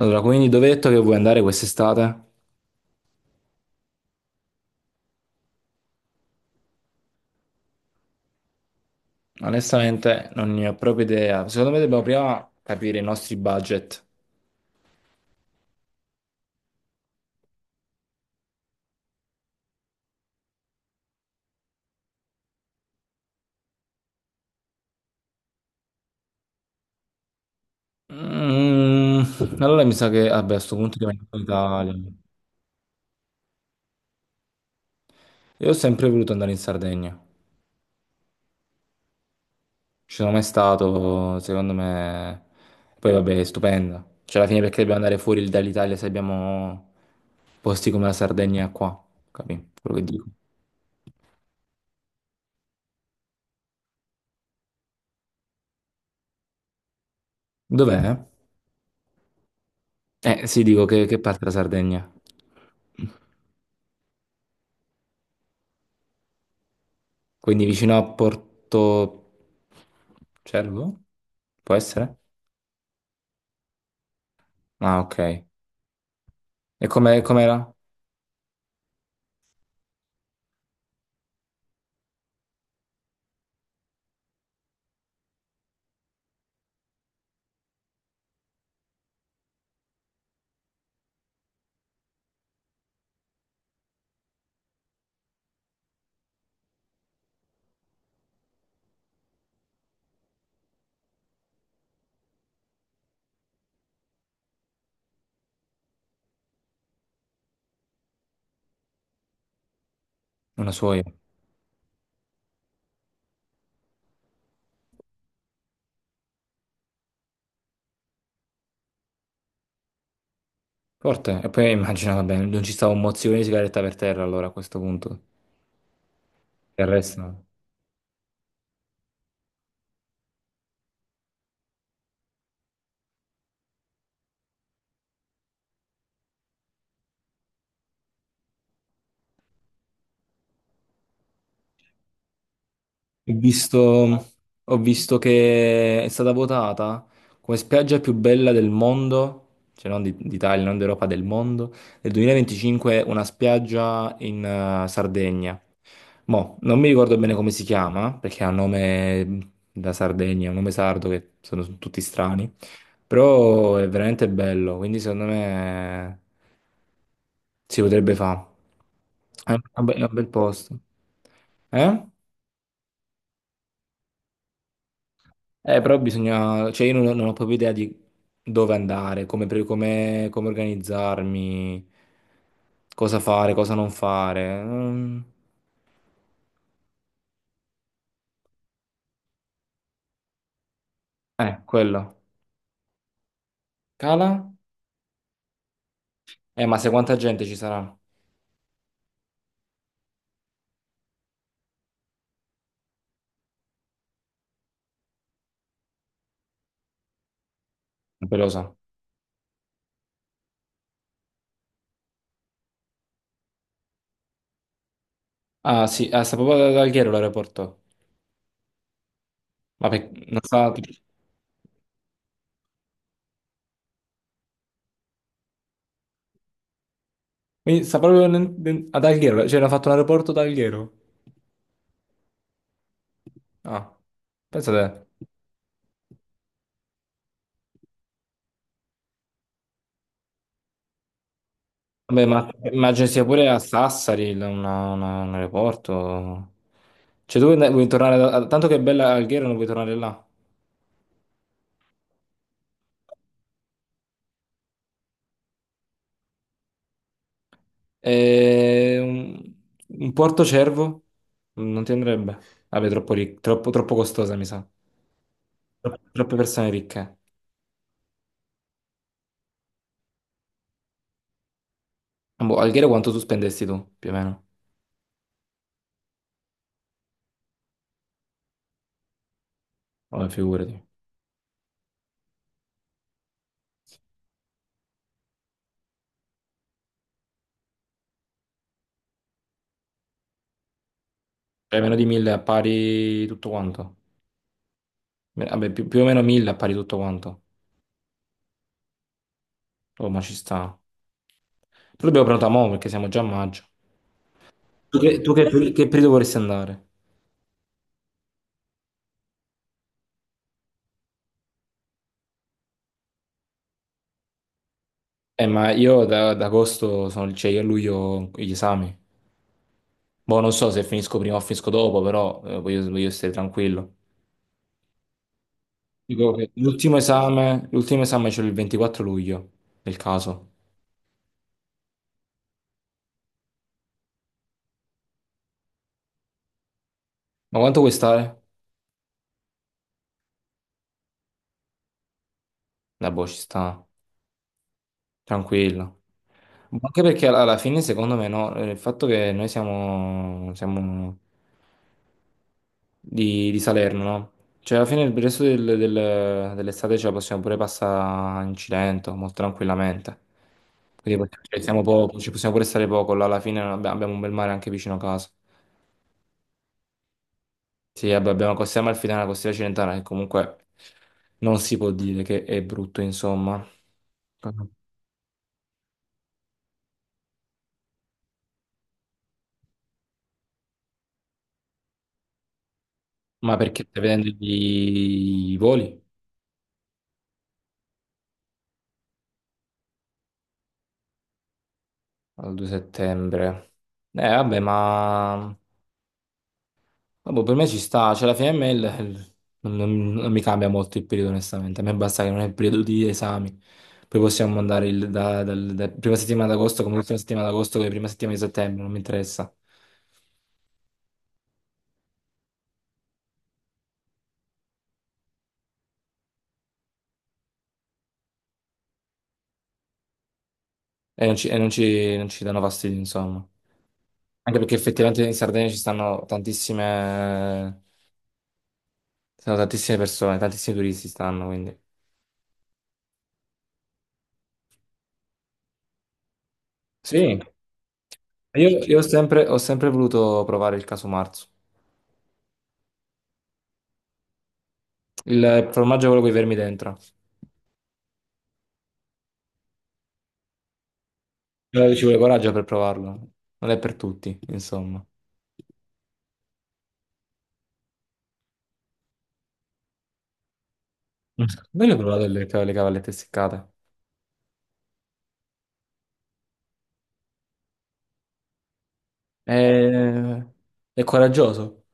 Allora, quindi dove hai detto che vuoi andare quest'estate? Onestamente non ne ho proprio idea. Secondo me dobbiamo prima capire i nostri budget. Mm, allora mi sa che, vabbè, a sto punto rimaniamo in Italia. Io ho sempre voluto andare in Sardegna. Ci sono mai stato, secondo me... Poi vabbè, è stupenda. Cioè, alla fine perché dobbiamo andare fuori dall'Italia se abbiamo posti come la Sardegna qua? Capì? Quello che dico. Dov'è? Eh sì, dico che, parte la Sardegna. Quindi vicino a Porto Cervo? Può essere? Ah, ok. E come com'era? Una soia. Forte. E poi immagino, vabbè, non ci stava un mozzicone di sigaretta per terra allora a questo punto. Il resto. No. Ho visto, ho visto che è stata votata come spiaggia più bella del mondo, cioè non di- d'Italia, non d'Europa, del mondo, nel 2025, una spiaggia in Sardegna. Mo, non mi ricordo bene come si chiama, perché ha un nome da Sardegna, un nome sardo che sono tutti strani, però è veramente bello, quindi secondo me si potrebbe fare. È un è un bel posto. Eh? Però bisogna, cioè io non, non ho proprio idea di dove andare, come, pre- come- come organizzarmi, cosa fare, cosa non fare. Mm. Quello. Cala? Ma se quanta gente ci sarà? Non lo so. Ah, sì, ah, sta proprio ad Alghero l'aeroporto. Ma per- non sta... Quindi sta proprio nel- nel- ad Alghero, cioè hanno fatto l'aeroporto ad Alghero. Ah, pensa te. Vabbè, ma immagino sia pure a Sassari il- una- un aeroporto. Cioè, tu vuoi tornare da- tanto che è bella Alghero, non vuoi tornare là. E un Porto Cervo non ti andrebbe. Vabbè, troppo, ric- troppo, troppo costosa, mi sa. Tro- Troppe persone ricche. Boh, Alghero quanto tu spendesti tu, più o meno? Vabbè, figurati. Cioè, meno di 1000 a pari tutto quanto. Me- Vabbè, più, più o meno 1000 a pari tutto quanto. Oh, ma ci sta. Però dobbiamo prenotare mo' perché siamo già a maggio. Tu che, tu che periodo vorresti andare? Ma io da, ad agosto sono, cioè io a luglio ho gli esami. Boh, non so se finisco prima o finisco dopo, però voglio, voglio stare tranquillo. Dico che l'ultimo esame c'è il 24 luglio, nel caso. Ma quanto vuoi stare? La boh, ci sta, tranquillo. Ma anche perché alla fine, secondo me, no, il fatto che noi siamo, siamo di Salerno, no? Cioè, alla fine il resto del- del- dell'estate ce la possiamo pure passare in Cilento, molto tranquillamente. Quindi possiamo- cioè, siamo poco, ci possiamo pure stare poco, là alla fine non abbiamo, abbiamo un bel mare anche vicino a casa. Sì, vabbè, abbiamo la costiera amalfitana, la costiera cilentana, che comunque non si può dire che è brutto, insomma. Ma perché stai vedendo i voli? Al 2 settembre. Vabbè, ma... Ah, boh, per me ci sta, cioè la FML non, non mi cambia molto il periodo onestamente, a me basta che non è il periodo di esami, poi possiamo andare il- da, dal- da prima settimana d'agosto come l'ultima settimana d'agosto come prima settimana di settembre, non mi interessa e non ci, e non ci danno fastidio insomma, anche perché effettivamente in Sardegna ci stanno tantissime persone, tantissimi turisti stanno quindi. Sì, io ho sempre voluto provare il caso marzo, il formaggio è quello con i vermi dentro. Ci vuole coraggio per provarlo. Non è per tutti, insomma. Noi le ho provate le, ca- le cavallette seccate. È, è coraggioso.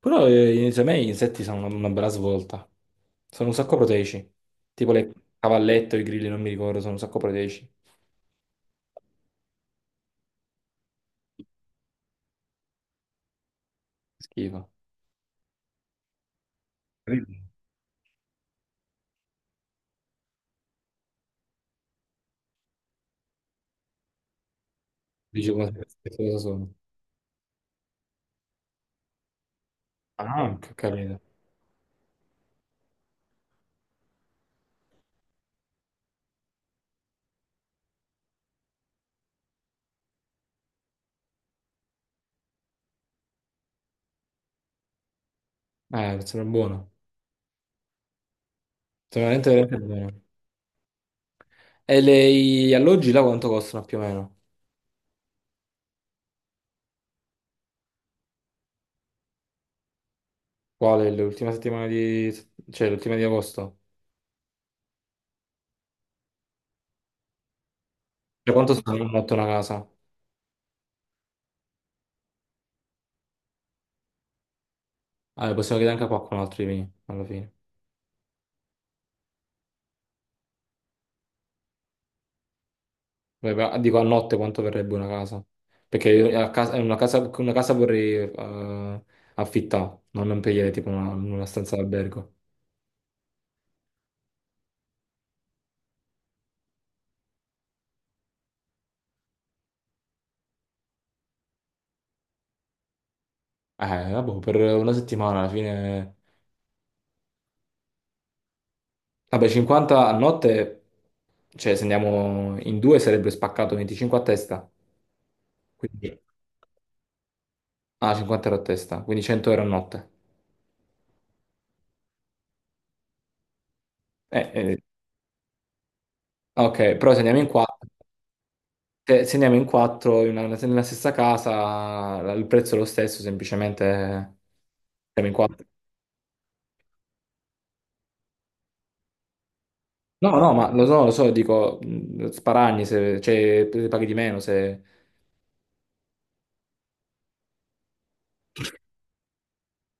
Però secondo me gli insetti sono una bella svolta. Sono un sacco proteici. Tipo le cavallette o i grilli, non mi ricordo, sono un sacco proteici. Schifo. Grilli. Dici come che cosa sono. Ah, anche, ho capito. Sembra buono. Sembra veramente, veramente buono. E le- gli alloggi là quanto costano più o meno? Quale? L'ultima settimana di... cioè l'ultima di agosto? Cioè, quanto sta a notte una casa? Ah, beh, possiamo chiedere anche a qualcun altro di venire, alla fine. Beh, però, dico a notte quanto verrebbe una casa? Perché io a casa- una casa, una casa vorrei affittare, non non prendere tipo una stanza d'albergo. Vabbè, per una settimana alla fine... Vabbè, 50 a notte, cioè se andiamo in due sarebbe spaccato 25 a testa. Quindi... Ah, 50 € a testa, quindi 100 € a notte. Eh, eh, ok, però se andiamo in quattro... Se se andiamo in quattro in una- nella stessa casa, la- il prezzo è lo stesso, semplicemente siamo in quattro. No, no, ma lo so, dico, sparagni, se, cioè, paghi di meno se...